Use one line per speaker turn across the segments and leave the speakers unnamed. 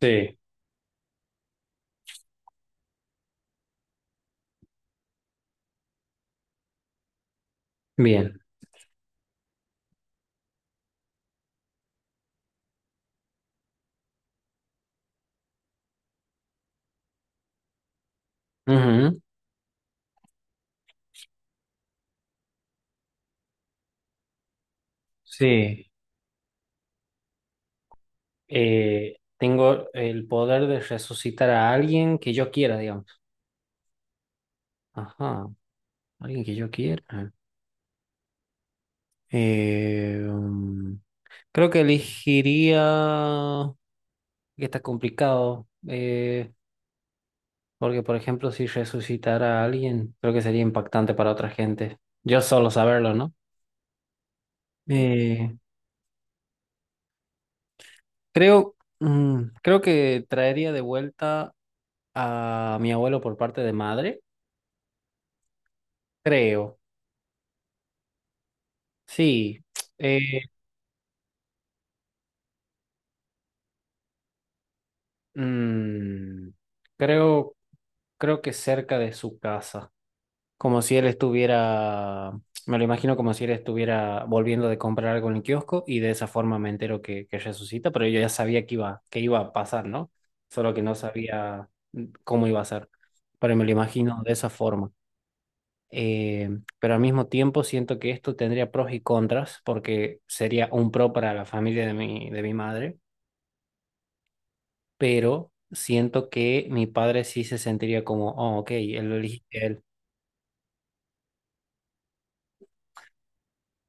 Sí, bien. Ujú. Sí. Tengo el poder de resucitar a alguien que yo quiera, digamos. Ajá, alguien que yo quiera. Eh, mm, Creo que elegiría... que está complicado. Porque, por ejemplo, si resucitara a alguien, creo que sería impactante para otra gente. Yo solo saberlo, ¿no? Eh, Creo, creo que traería de vuelta a mi abuelo por parte de madre. Creo. Sí, eh, mm, creo, creo que cerca de su casa, como si él estuviera, me lo imagino como si él estuviera volviendo de comprar algo en el kiosco y de esa forma me entero que resucita, pero yo ya sabía que iba a pasar, ¿no? Solo que no sabía cómo iba a ser, pero me lo imagino de esa forma. Eh, pero al mismo tiempo siento que esto tendría pros y contras porque sería un pro para la familia de mi madre, pero siento que mi padre sí se sentiría como, oh, ok, él lo eligiste a él.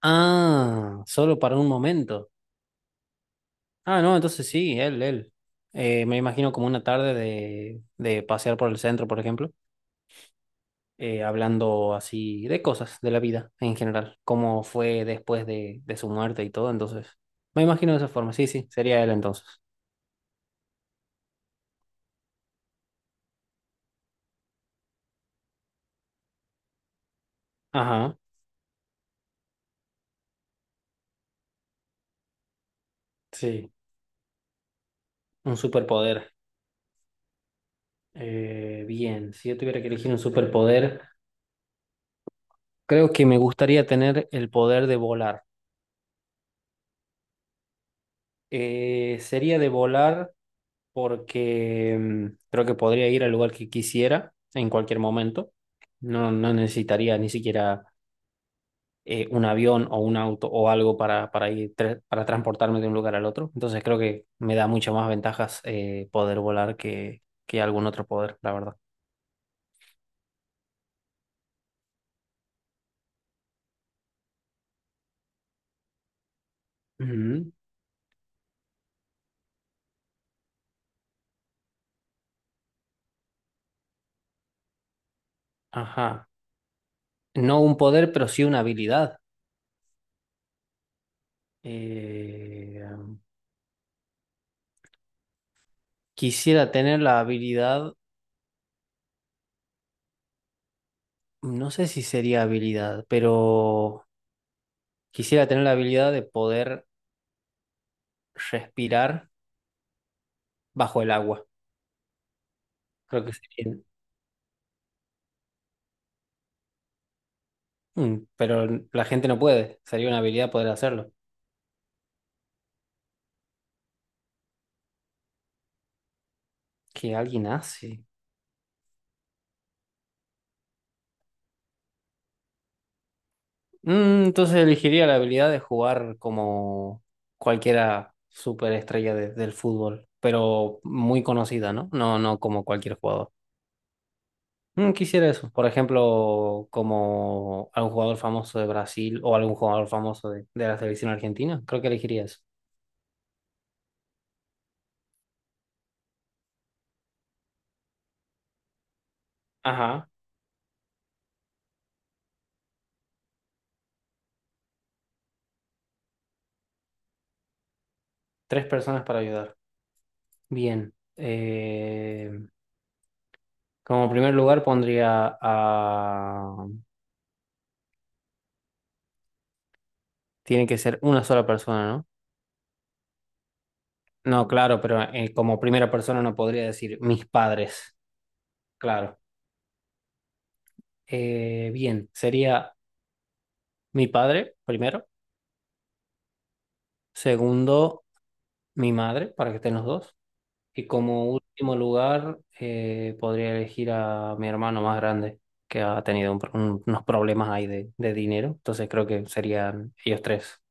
Ah, solo para un momento. Ah, no, entonces sí, él. Me imagino como una tarde de pasear por el centro, por ejemplo, hablando así de cosas de la vida en general, cómo fue después de su muerte y todo, entonces. Me imagino de esa forma, sí, sí, sería él entonces. Ajá, sí, un superpoder. Bien, si yo tuviera que elegir un superpoder... Creo que me gustaría tener el poder de volar. Sería de volar porque creo que podría ir al lugar que quisiera en cualquier momento. No, no necesitaría ni siquiera un avión o un auto o algo para ir para transportarme de un lugar al otro. Entonces creo que me da muchas más ventajas poder volar que algún otro poder, la verdad. Ujú. Ajá. No un poder, pero sí una habilidad. Eh, Quisiera tener la habilidad. No sé si sería habilidad, pero quisiera tener la habilidad de poder respirar bajo el agua. Creo que sería. Mm, pero la gente no puede. Sería una habilidad poder hacerlo. Que alguien hace. Mm, entonces elegiría la habilidad de jugar como cualquiera superestrella del fútbol, pero muy conocida, ¿no? No, no como cualquier jugador. Mm, quisiera eso. Por ejemplo, como algún jugador famoso de Brasil o algún jugador famoso de la selección argentina. Creo que elegiría eso. Ajá. Tres personas para ayudar. Bien. Como primer lugar pondría a... Tiene que ser una sola persona, ¿no? No, claro, pero como primera persona no podría decir mis padres. Claro. Bien. Sería mi padre primero. Segundo, mi madre, para que estén los dos. Y como último lugar, podría elegir a mi hermano más grande, que ha tenido un unos problemas ahí de dinero. Entonces creo que serían ellos tres.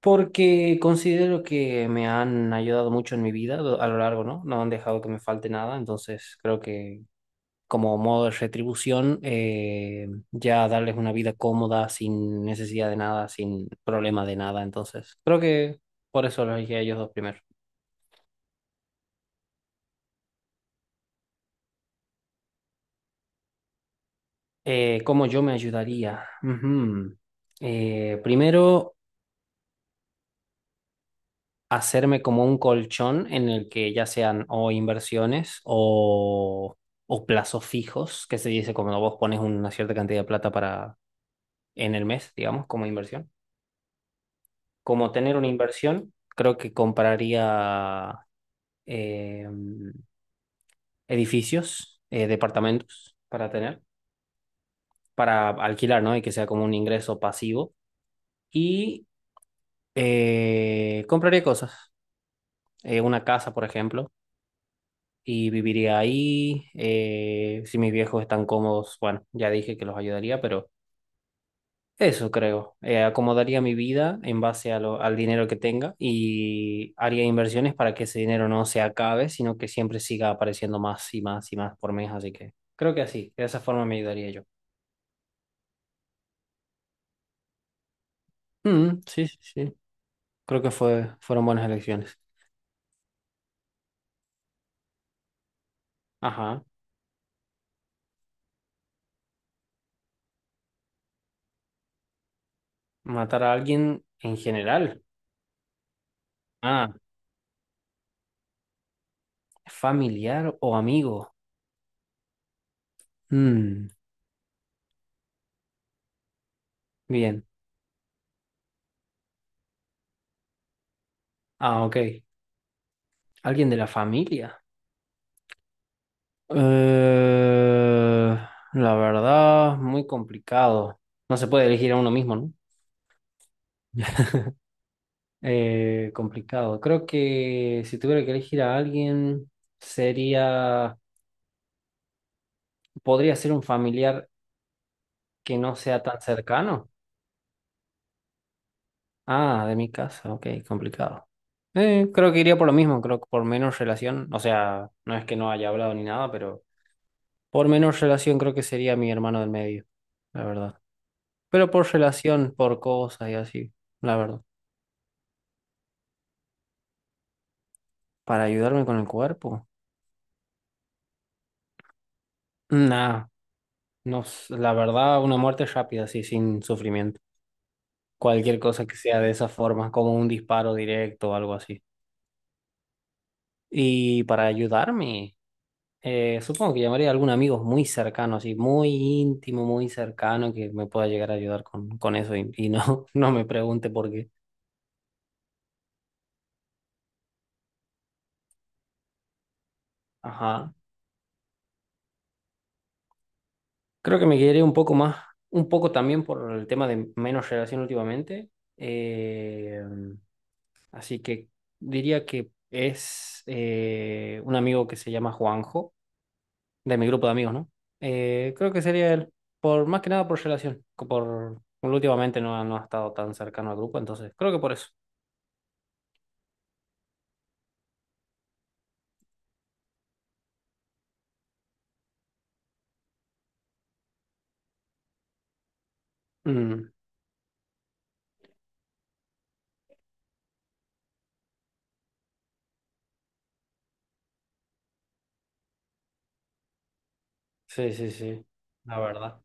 Porque considero que me han ayudado mucho en mi vida a lo largo, ¿no? No han dejado que me falte nada. Entonces creo que como modo de retribución, ya darles una vida cómoda, sin necesidad de nada, sin problema de nada. Entonces creo que por eso los elegí a ellos dos primero. ¿Cómo yo me ayudaría? Ujú. Primero, hacerme como un colchón en el que ya sean o inversiones o plazos fijos, que se dice cuando vos pones una cierta cantidad de plata para en el mes, digamos, como inversión. Como tener una inversión, creo que compraría eh, edificios, departamentos para tener, para alquilar, ¿no? Y que sea como un ingreso pasivo. Y compraría cosas. Una casa, por ejemplo, y viviría ahí. Si mis viejos están cómodos, bueno, ya dije que los ayudaría, pero eso creo. Acomodaría mi vida en base a al dinero que tenga y haría inversiones para que ese dinero no se acabe, sino que siempre siga apareciendo más y más y más por mes. Así que creo que así, de esa forma me ayudaría yo. Mm, sí, sí, sí. Creo que fueron buenas elecciones. Ajá. Matar a alguien en general. Ah, familiar o amigo. Mm, bien. Ah, ok. ¿Alguien de la familia? Eh, la verdad, muy complicado. No se puede elegir a uno mismo, ¿no? Complicado. Creo que si tuviera que elegir a alguien, sería, podría ser un familiar que no sea tan cercano. Ah, de mi casa, ok, complicado. Creo que iría por lo mismo, creo que por menos relación, o sea, no es que no haya hablado ni nada, pero por menos relación creo que sería mi hermano del medio, la verdad. Pero por relación, por cosas y así, la verdad. Para ayudarme con el cuerpo. Nah, no, la verdad, una muerte rápida, así, sin sufrimiento. Cualquier cosa que sea de esa forma, como un disparo directo o algo así. Y para ayudarme, supongo que llamaría a algún amigo muy cercano, así, muy íntimo, muy cercano, que me pueda llegar a ayudar con eso y no, no me pregunte por qué. Ajá. Creo que me quedé un poco más, un poco también por el tema de menos relación últimamente. Eh, Así que diría que es un amigo que se llama Juanjo, de mi grupo de amigos, ¿no? Creo que sería él, por más que nada por relación, por últimamente no, no ha estado tan cercano al grupo, entonces creo que por eso. Mm, sí, sí, sí, la verdad.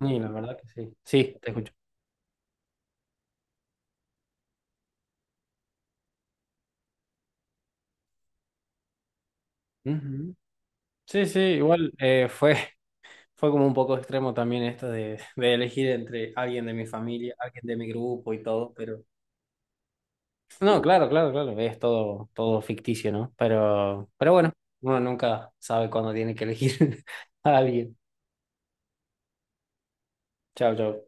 Y la verdad que sí. Sí, te escucho. Ujú. Sí, sí, igual fue. Fue como un poco extremo también esto de, de elegir entre alguien de mi familia, alguien de mi grupo y todo, pero... No, claro, claro, claro, es todo, todo ficticio, ¿no? Pero bueno, uno nunca sabe cuándo tiene que elegir a alguien. Chao, chao.